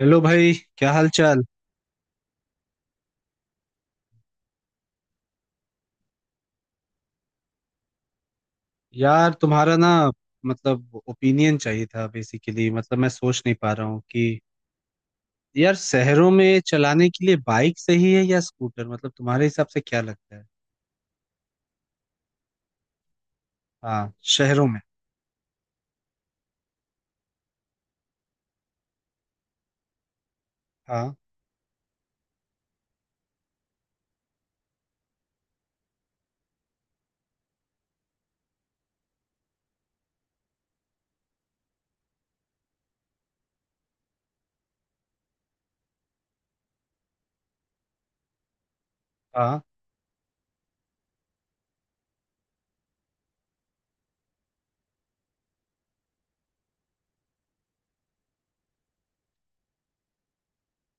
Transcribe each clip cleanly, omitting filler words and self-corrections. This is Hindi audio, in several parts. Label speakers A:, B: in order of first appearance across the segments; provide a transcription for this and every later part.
A: हेलो भाई, क्या हाल चाल। यार, तुम्हारा ना मतलब ओपिनियन चाहिए था बेसिकली। मतलब, मैं सोच नहीं पा रहा हूँ कि यार शहरों में चलाने के लिए बाइक सही है या स्कूटर? मतलब तुम्हारे हिसाब से क्या लगता है? हाँ, शहरों में। हाँ, हाँ।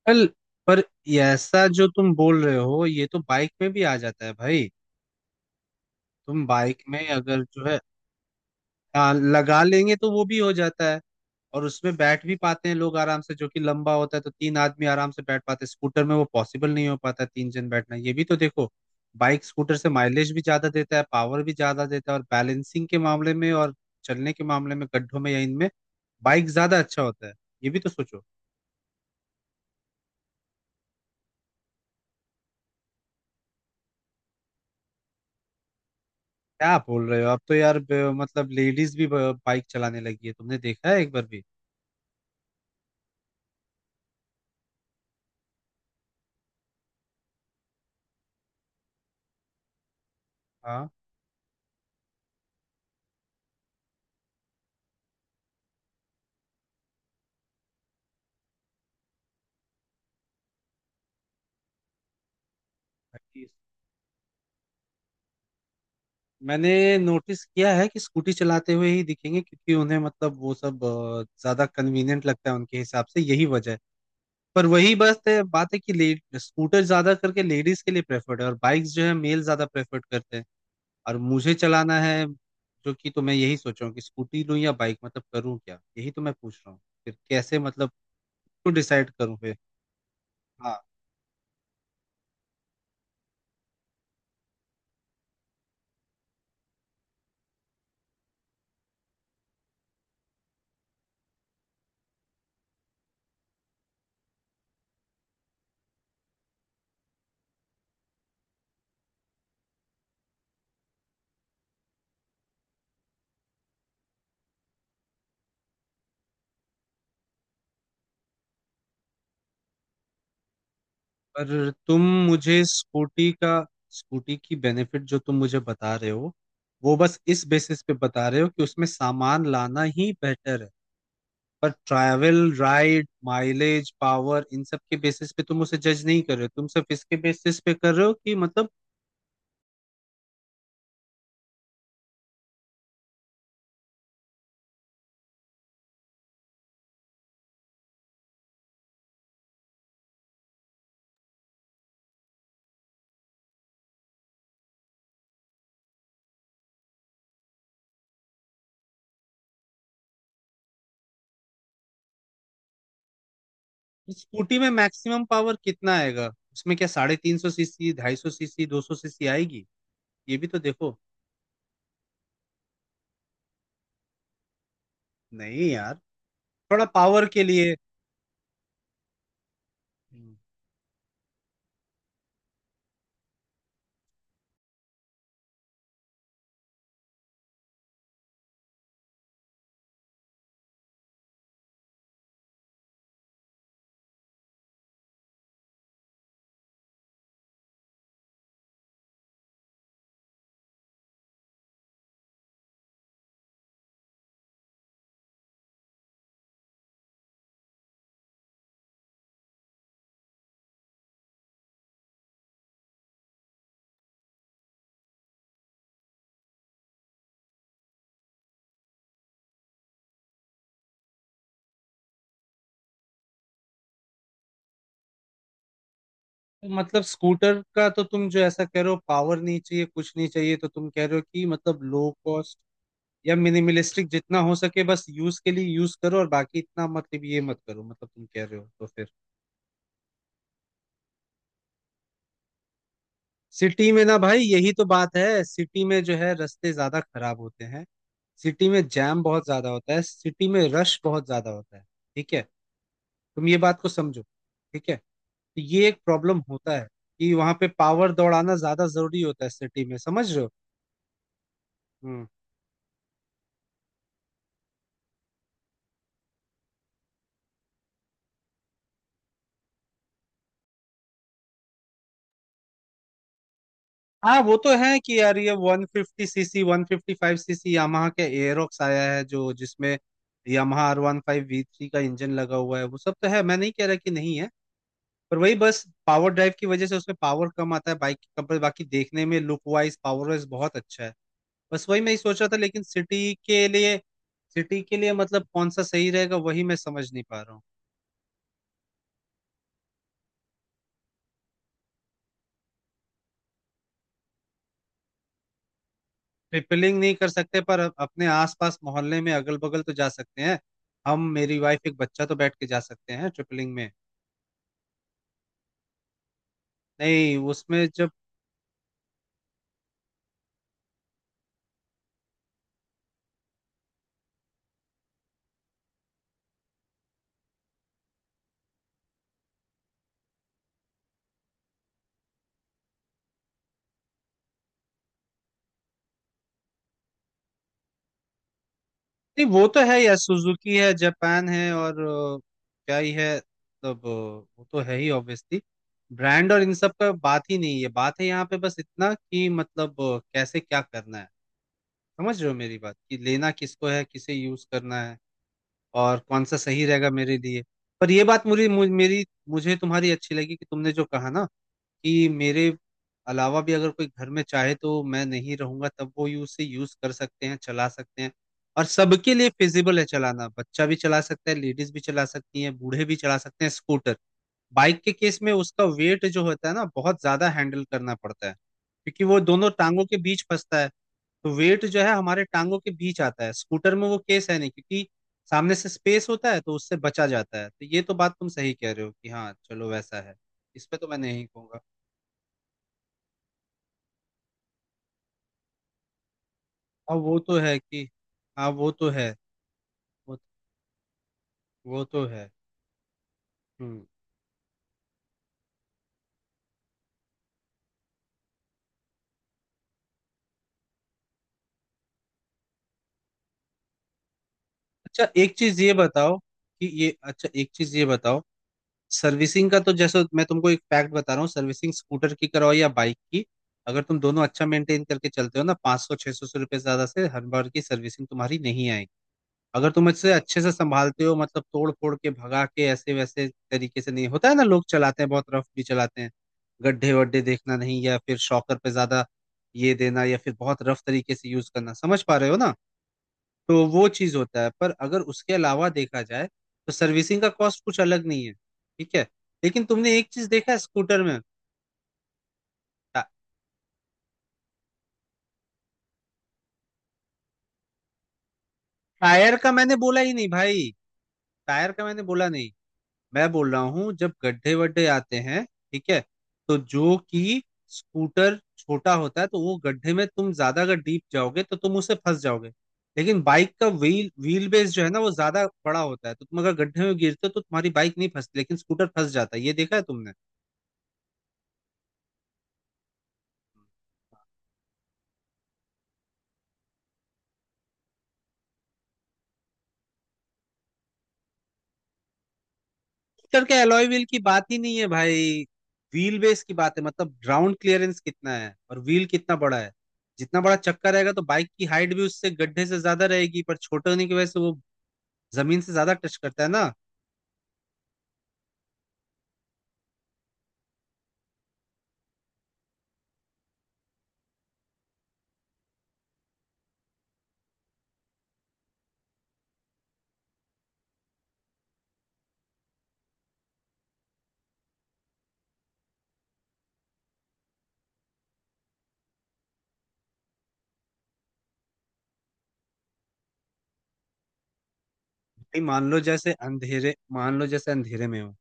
A: पर पर ये ऐसा जो तुम बोल रहे हो, ये तो बाइक में भी आ जाता है भाई। तुम बाइक में अगर जो है हाँ, लगा लेंगे तो वो भी हो जाता है। और उसमें बैठ भी पाते हैं लोग आराम से, जो कि लंबा होता है, तो तीन आदमी आराम से बैठ पाते हैं। स्कूटर में वो पॉसिबल नहीं हो पाता तीन जन बैठना, ये भी तो देखो। बाइक स्कूटर से माइलेज भी ज्यादा देता है, पावर भी ज्यादा देता है, और बैलेंसिंग के मामले में और चलने के मामले में गड्ढों में या इनमें बाइक ज्यादा अच्छा होता है, ये भी तो सोचो। क्या बोल रहे हो, अब तो यार मतलब लेडीज भी बाइक चलाने लगी है, तुमने देखा है एक बार भी? हाँ, मैंने नोटिस किया है कि स्कूटी चलाते हुए ही दिखेंगे क्योंकि उन्हें मतलब वो सब ज्यादा कन्वीनियंट लगता है, उनके हिसाब से यही वजह है। पर वही बस है बात है कि ले स्कूटर ज्यादा करके लेडीज के लिए प्रेफर्ड है और बाइक्स जो है मेल ज्यादा प्रेफर्ड करते हैं, और मुझे चलाना है, जो कि तो मैं यही सोच रहा हूँ कि स्कूटी लूँ या बाइक, मतलब करूँ क्या? यही तो मैं पूछ रहा हूँ, फिर कैसे मतलब तो डिसाइड करूँ फिर? हाँ। पर तुम मुझे स्कूटी का, स्कूटी की बेनिफिट जो तुम मुझे बता रहे हो, वो बस इस बेसिस पे बता रहे हो कि उसमें सामान लाना ही बेहतर है। पर ट्रैवल, राइड, माइलेज, पावर, इन सब के बेसिस पे तुम उसे जज नहीं कर रहे हो, तुम सिर्फ इसके बेसिस पे कर रहे हो कि मतलब स्कूटी में मैक्सिमम पावर कितना आएगा? उसमें क्या 350 सीसी, 250 सीसी, 200 सीसी आएगी? ये भी तो देखो। नहीं यार, थोड़ा पावर के लिए। मतलब स्कूटर का तो तुम जो ऐसा कह रहे हो पावर नहीं चाहिए, कुछ नहीं चाहिए, तो तुम कह रहे हो कि मतलब लो कॉस्ट या मिनिमलिस्टिक जितना हो सके बस यूज के लिए यूज करो और बाकी इतना मतलब ये मत करो, मतलब तुम कह रहे हो तो फिर। सिटी में ना भाई, यही तो बात है। सिटी में जो है रास्ते ज्यादा खराब होते हैं, सिटी में जैम बहुत ज्यादा होता है, सिटी में रश बहुत ज्यादा होता है, ठीक है? तुम ये बात को समझो, ठीक है? तो ये एक प्रॉब्लम होता है कि वहां पे पावर दौड़ाना ज्यादा जरूरी होता है सिटी में, समझ रहे हो? हम्म। हाँ वो तो है कि यार ये 150 सीसी, 155 सीसी यामाहा के एरोक्स आया है, जो जिसमें यामाहा R15 V3 का इंजन लगा हुआ है, वो सब तो है, मैं नहीं कह रहा कि नहीं है। पर वही बस पावर ड्राइव की वजह से उसमें पावर कम आता है बाइक के कंपेयर, बाकी देखने में लुक वाइज, पावर वाइज बहुत अच्छा है। बस वही मैं ही सोच रहा था लेकिन सिटी के लिए, सिटी के लिए मतलब कौन सा सही रहेगा, वही मैं समझ नहीं पा रहा हूँ। ट्रिपलिंग नहीं कर सकते, पर अपने आसपास मोहल्ले में अगल बगल तो जा सकते हैं। हम, मेरी वाइफ, एक बच्चा, तो बैठ के जा सकते हैं ट्रिपलिंग में। नहीं उसमें जब। नहीं वो तो है यार, सुजुकी है, जापान है, और क्या ही है, तब वो तो है ही ऑब्वियसली, ब्रांड और इन सब का बात ही नहीं है। बात है यहाँ पे बस इतना कि मतलब कैसे क्या करना है, समझ रहे हो मेरी बात? कि लेना किसको है, किसे यूज करना है, और कौन सा सही रहेगा मेरे लिए? पर ये बात मुझे, मु- मेरी मुझे तुम्हारी अच्छी लगी कि तुमने जो कहा ना कि मेरे अलावा भी अगर कोई घर में चाहे तो मैं नहीं रहूंगा तब वो यूज से यूज कर सकते हैं, चला सकते हैं, और सबके लिए फिजिबल है चलाना। बच्चा भी चला सकता है, लेडीज भी चला सकती हैं, बूढ़े भी चला सकते हैं स्कूटर। बाइक के केस में उसका वेट जो होता है ना बहुत ज्यादा हैंडल करना पड़ता है, क्योंकि वो दोनों टांगों के बीच फंसता है, तो वेट जो है हमारे टांगों के बीच आता है। स्कूटर में वो केस है नहीं, क्योंकि सामने से स्पेस होता है तो उससे बचा जाता है, तो ये तो बात तुम सही कह रहे हो कि हाँ चलो वैसा है। इस पे तो मैं नहीं कहूंगा। हाँ वो तो है कि, हाँ वो तो है। वो, वो तो है। हम्म। अच्छा एक चीज ये बताओ, सर्विसिंग का तो जैसे मैं तुमको एक फैक्ट बता रहा हूँ, सर्विसिंग स्कूटर की कराओ या बाइक की, अगर तुम दोनों अच्छा मेंटेन करके चलते हो ना, 500 600 रुपये ज्यादा से हर बार की सर्विसिंग तुम्हारी नहीं आएगी। अगर तुम इससे अच्छे से संभालते हो, मतलब तोड़ फोड़ के भगा के ऐसे वैसे तरीके से नहीं, होता है ना, लोग चलाते हैं बहुत रफ भी चलाते हैं, गड्ढे वड्ढे देखना नहीं, या फिर शॉकर पे ज्यादा ये देना, या फिर बहुत रफ तरीके से यूज करना, समझ पा रहे हो ना? तो वो चीज होता है, पर अगर उसके अलावा देखा जाए तो सर्विसिंग का कॉस्ट कुछ अलग नहीं है, ठीक है? लेकिन तुमने एक चीज देखा है स्कूटर में। टा- टायर का मैंने बोला ही नहीं भाई, टायर का मैंने बोला नहीं, मैं बोल रहा हूँ जब गड्ढे वड्ढे आते हैं, ठीक है? तो जो कि स्कूटर छोटा होता है, तो वो गड्ढे में तुम ज्यादा अगर डीप जाओगे तो तुम उसे फंस जाओगे। लेकिन बाइक का व्हील व्हील बेस जो है ना वो ज्यादा बड़ा होता है, तो तुम अगर गड्ढे में गिरते हो तो तुम्हारी बाइक नहीं फंसती लेकिन स्कूटर फंस जाता है, ये देखा है तुमने? स्कूटर के एलॉय व्हील की बात ही नहीं है भाई, व्हील बेस की बात है, मतलब ग्राउंड क्लियरेंस कितना है और व्हील कितना बड़ा है। जितना बड़ा चक्का रहेगा तो बाइक की हाइट भी उससे गड्ढे से ज्यादा रहेगी, पर छोटे होने की वजह से वो जमीन से ज्यादा टच करता है ना भाई। मान लो जैसे अंधेरे, मान लो जैसे अंधेरे में हो,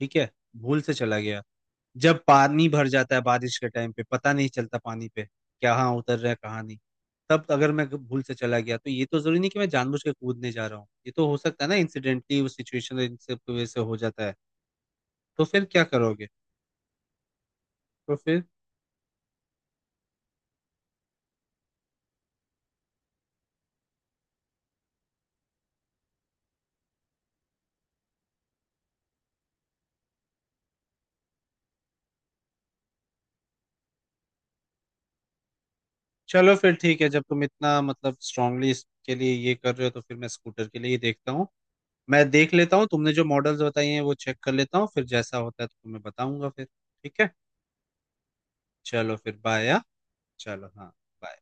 A: ठीक है, भूल से चला गया, जब पानी भर जाता है बारिश के टाइम पे, पता नहीं चलता पानी पे कहाँ उतर रहा है कहाँ नहीं, तब अगर मैं भूल से चला गया तो ये तो जरूरी नहीं कि मैं जानबूझ के कूदने जा रहा हूँ, ये तो हो सकता है ना, इंसिडेंटली उस सिचुएशन इन सब की वजह से हो जाता है। तो फिर क्या करोगे? तो फिर। चलो फिर ठीक है, जब तुम इतना मतलब स्ट्रांगली इसके लिए ये कर रहे हो तो फिर मैं स्कूटर के लिए ही देखता हूँ। मैं देख लेता हूँ तुमने जो मॉडल्स बताई हैं वो चेक कर लेता हूँ, फिर जैसा होता है तो तुम्हें बताऊंगा फिर, ठीक है? चलो फिर, बाय। चलो, हाँ। bye।